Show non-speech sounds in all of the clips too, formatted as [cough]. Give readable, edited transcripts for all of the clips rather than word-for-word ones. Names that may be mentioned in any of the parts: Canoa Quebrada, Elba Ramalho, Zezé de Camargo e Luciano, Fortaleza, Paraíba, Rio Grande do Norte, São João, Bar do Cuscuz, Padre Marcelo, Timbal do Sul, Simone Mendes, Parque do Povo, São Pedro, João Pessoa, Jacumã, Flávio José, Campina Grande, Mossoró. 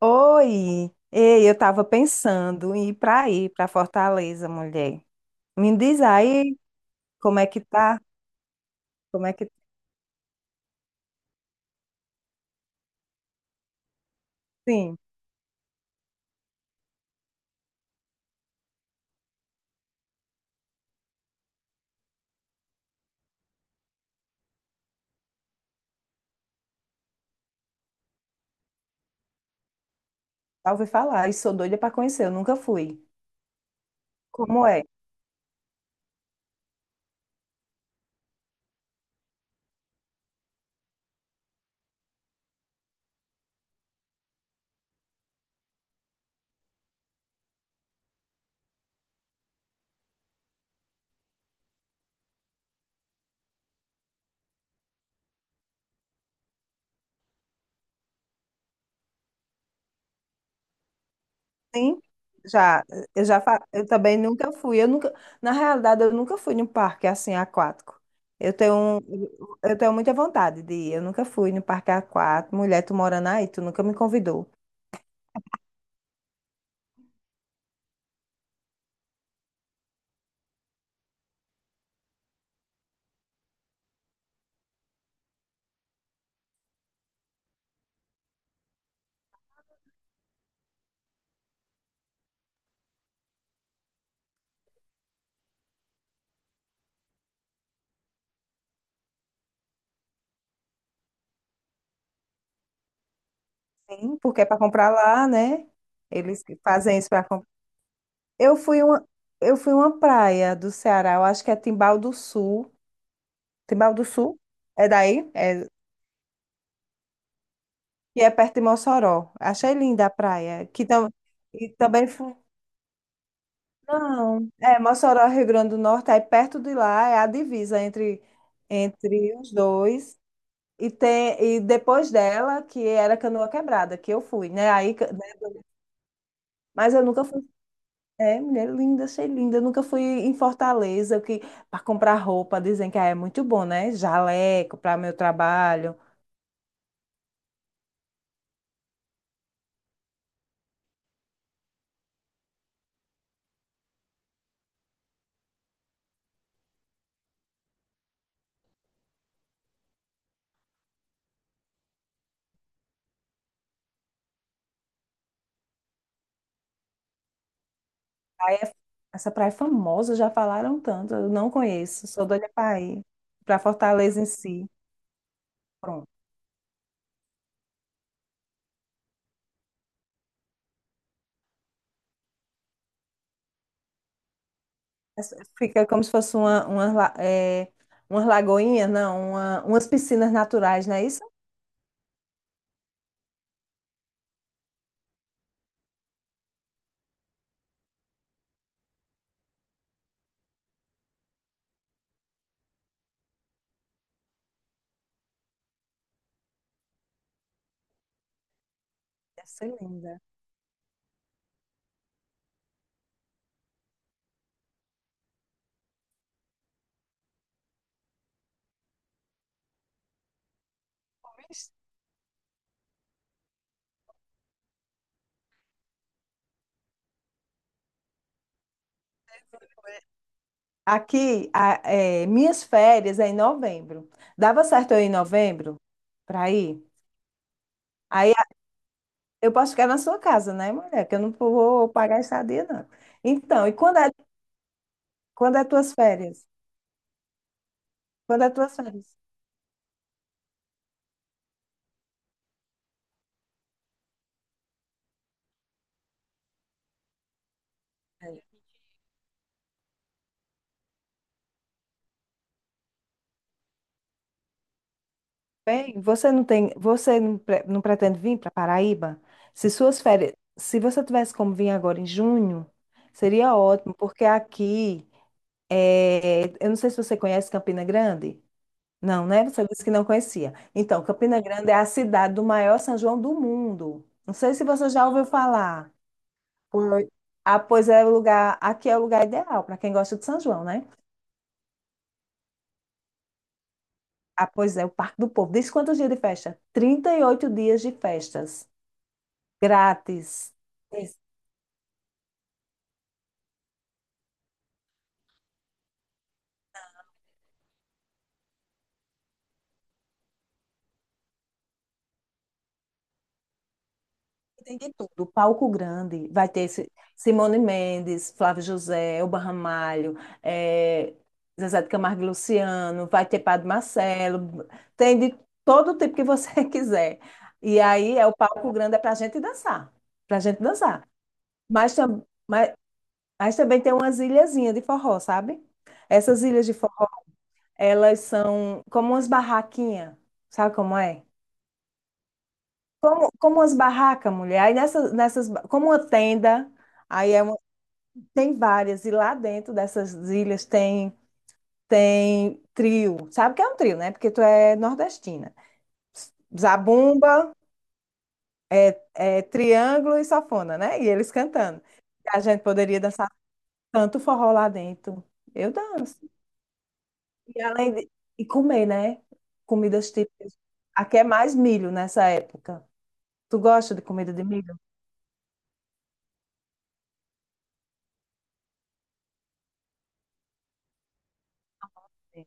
Oi, ei, eu estava pensando em ir para aí, para Fortaleza, mulher. Me diz aí como é que tá? Como é que sim? Já ouvi falar e sou doida para conhecer, eu nunca fui. Como é? Sim? Já, eu também nunca fui. Eu nunca, na realidade, eu nunca fui num parque assim aquático. Eu tenho, um- eu tenho muita vontade de ir. Eu nunca fui no parque aquático. Mulher, tu morando aí, tu nunca me convidou. Sim, porque é para comprar lá, né? Eles que fazem isso para Eu fui uma, eu fui uma praia do Ceará, eu acho que é Timbal do Sul. Timbal do Sul? É daí? É, que é perto de Mossoró. Achei linda a praia. Que tam, e também fui. Não, é Mossoró, Rio Grande do Norte, aí perto de lá é a divisa entre, entre os dois. E depois dela, que era Canoa Quebrada, que eu fui, né? Mas eu nunca fui. É, mulher linda, achei linda. Eu nunca fui em Fortaleza que para comprar roupa, dizem que ah, é muito bom, né? Jaleco para meu trabalho. Praia- essa praia é famosa, já falaram tanto. Eu não conheço, sou doida para ir para Fortaleza em si. Pronto. Fica como se fosse é, umas lagoinhas, não, uma- umas piscinas naturais, não é isso? Deve ser linda. Aqui, a- é, minhas férias é em novembro. Dava certo eu ir em novembro para ir? Aí eu posso ficar na sua casa, né, mulher? Que eu não vou pagar a estadia, não. Então, e quando é, quando é tuas férias? Quando é tuas férias? Bem, você não tem, você não, pre- não pretende vir para Paraíba? Se suas férias, se você tivesse como vir agora em junho, seria ótimo, porque aqui, é, eu não sei se você conhece Campina Grande. Não, né? Você disse que não conhecia. Então, Campina Grande é a cidade do maior São João do mundo. Não sei se você já ouviu falar. Pois- Ah, pois é o lugar, aqui é o lugar ideal para quem gosta de São João, né? Ah, pois é, o Parque do Povo. Diz quantos dias de festa? 38 dias de festas, grátis. Esse- Tem de tudo, palco grande, vai ter Simone Mendes, Flávio José, Elba Ramalho, eh, Zezé de Camargo e Luciano, vai ter Padre Marcelo, tem de todo tipo que você [laughs] quiser. E aí é o palco grande, é para a gente dançar, para a gente dançar. Mas também. Mas também tem umas ilhazinhas de forró, sabe? Essas ilhas de forró, elas são como umas barraquinhas, sabe como é? Como, como umas barracas, mulher. Aí nessas, nessas, ba- como uma tenda, aí é uma- tem várias, e lá dentro dessas ilhas tem, tem trio. Sabe o que é um trio, né? Porque tu é nordestina. Zabumba, é, é triângulo e sanfona, né? E eles cantando. A gente poderia dançar tanto forró lá dentro. Eu danço. E além de... E comer, né? Comidas típicas. Aqui é mais milho nessa época. Tu gosta de comida de milho? Sim.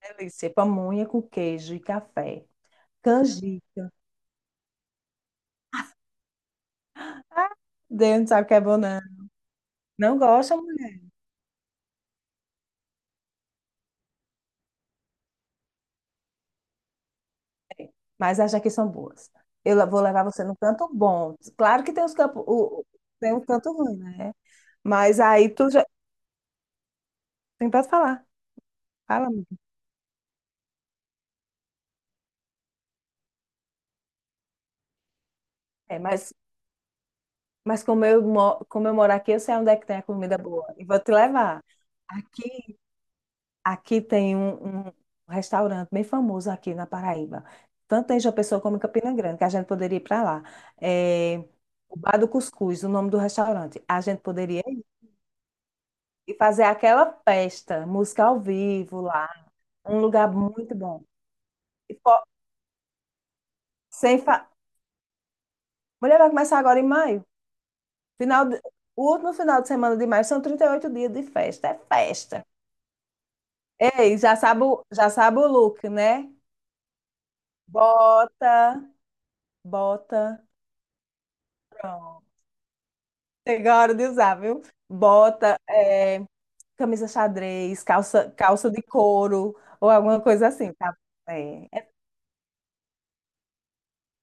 Delícia. Pamonha com queijo e café. Canjica. Deus não sabe o que é bom, não. Não gosta, mulher. Mas acha que são boas. Vou levar você num canto bom. Claro que tem os campos, tem um canto ruim, né? Mas aí tu já tem para falar. Fala, amiga. É, mas como eu moro aqui, eu sei onde é que tem a comida boa. E vou te levar. Aqui aqui tem um restaurante bem famoso aqui na Paraíba, tanto em João Pessoa como em Campina Grande, que a gente poderia ir para lá. É, o Bar do Cuscuz, o nome do restaurante. A gente poderia ir e fazer aquela festa, música ao vivo lá, um lugar muito bom. E fo- sem fa... Mulher vai começar agora em maio. Final de- O último final de semana de maio são 38 dias de festa, é festa. Ei, já sabe, já sabe o look, né? Bota, bota. Pronto. Chegou a hora de usar, viu? Bota é, camisa xadrez, calça, calça de couro ou alguma coisa assim, tá? É, é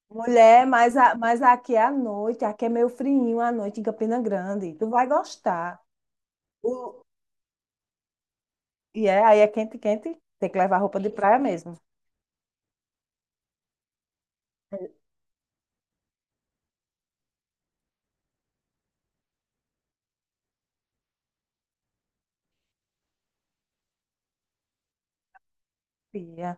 mulher, mas, mas aqui é à noite, aqui é meio frinho à noite em Campina Grande. Tu vai gostar. O- e é, aí é quente, quente. Tem que levar roupa de praia mesmo. Fia.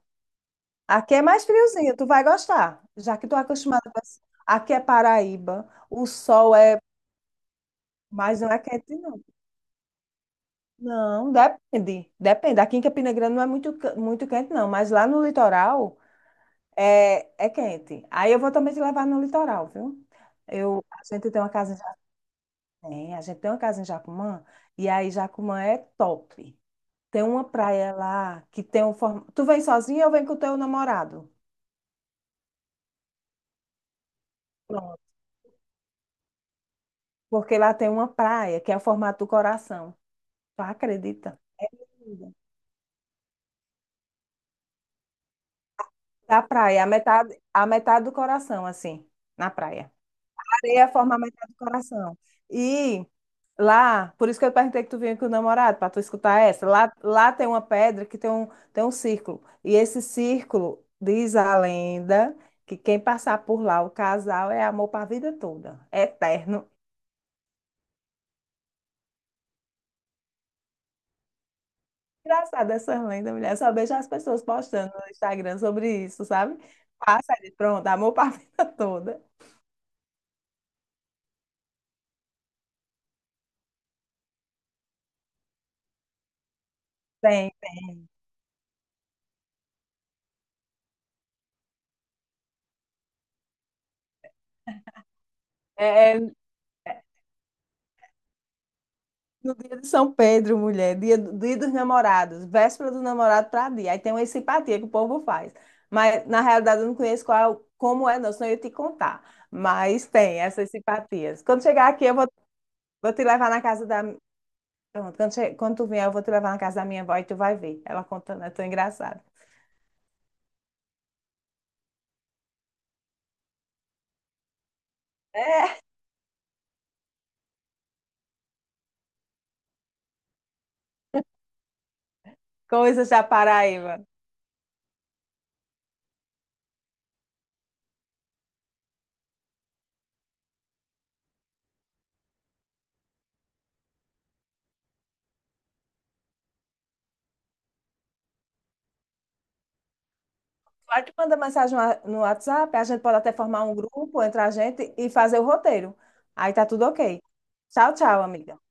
Aqui é mais friozinho, tu vai gostar, já que tu é acostumada com esse- Aqui é Paraíba, o sol é, mas não é quente. Não, depende. Depende. Aqui em Campina Grande não é muito quente, não. Mas lá no litoral é, é quente. Aí eu vou também te levar no litoral, viu? Eu, a gente tem uma casa em Jacumã, a gente tem uma casa em Jacumã, e aí Jacumã é top. Tem uma praia lá que tem um formato. Tu vem sozinha ou vem com o teu namorado? Pronto. Porque lá tem uma praia que é o formato do coração. Tu acredita? Da praia, a metade do coração, assim, na praia. Tem a forma metade do coração. E lá, por isso que eu perguntei que tu vinha com o namorado, para tu escutar essa. Lá tem uma pedra que tem tem um círculo. E esse círculo, diz a lenda, que quem passar por lá, o casal, é amor para a vida toda. É eterno. Engraçado essas lendas, mulher. Eu só vejo as pessoas postando no Instagram sobre isso, sabe? Passa ali, pronto, amor para a [laughs] vida toda. Tem. É, é no dia de São Pedro, mulher, dia, do dia dos namorados, véspera do namorado para dia. Aí tem uma simpatia que o povo faz. Mas, na realidade, eu não conheço qual, como é, não, senão eu ia te contar. Mas tem essas simpatias. Quando chegar aqui, eu vou, vou te levar na casa da. Pronto, quando tu vier, eu vou te levar na casa da minha avó e tu vai ver. Ela contando, é tão engraçado. Coisas da Paraíba. Aí tu manda mensagem no WhatsApp, a gente pode até formar um grupo entre a gente e fazer o roteiro. Aí tá tudo ok. Tchau, tchau, amiga.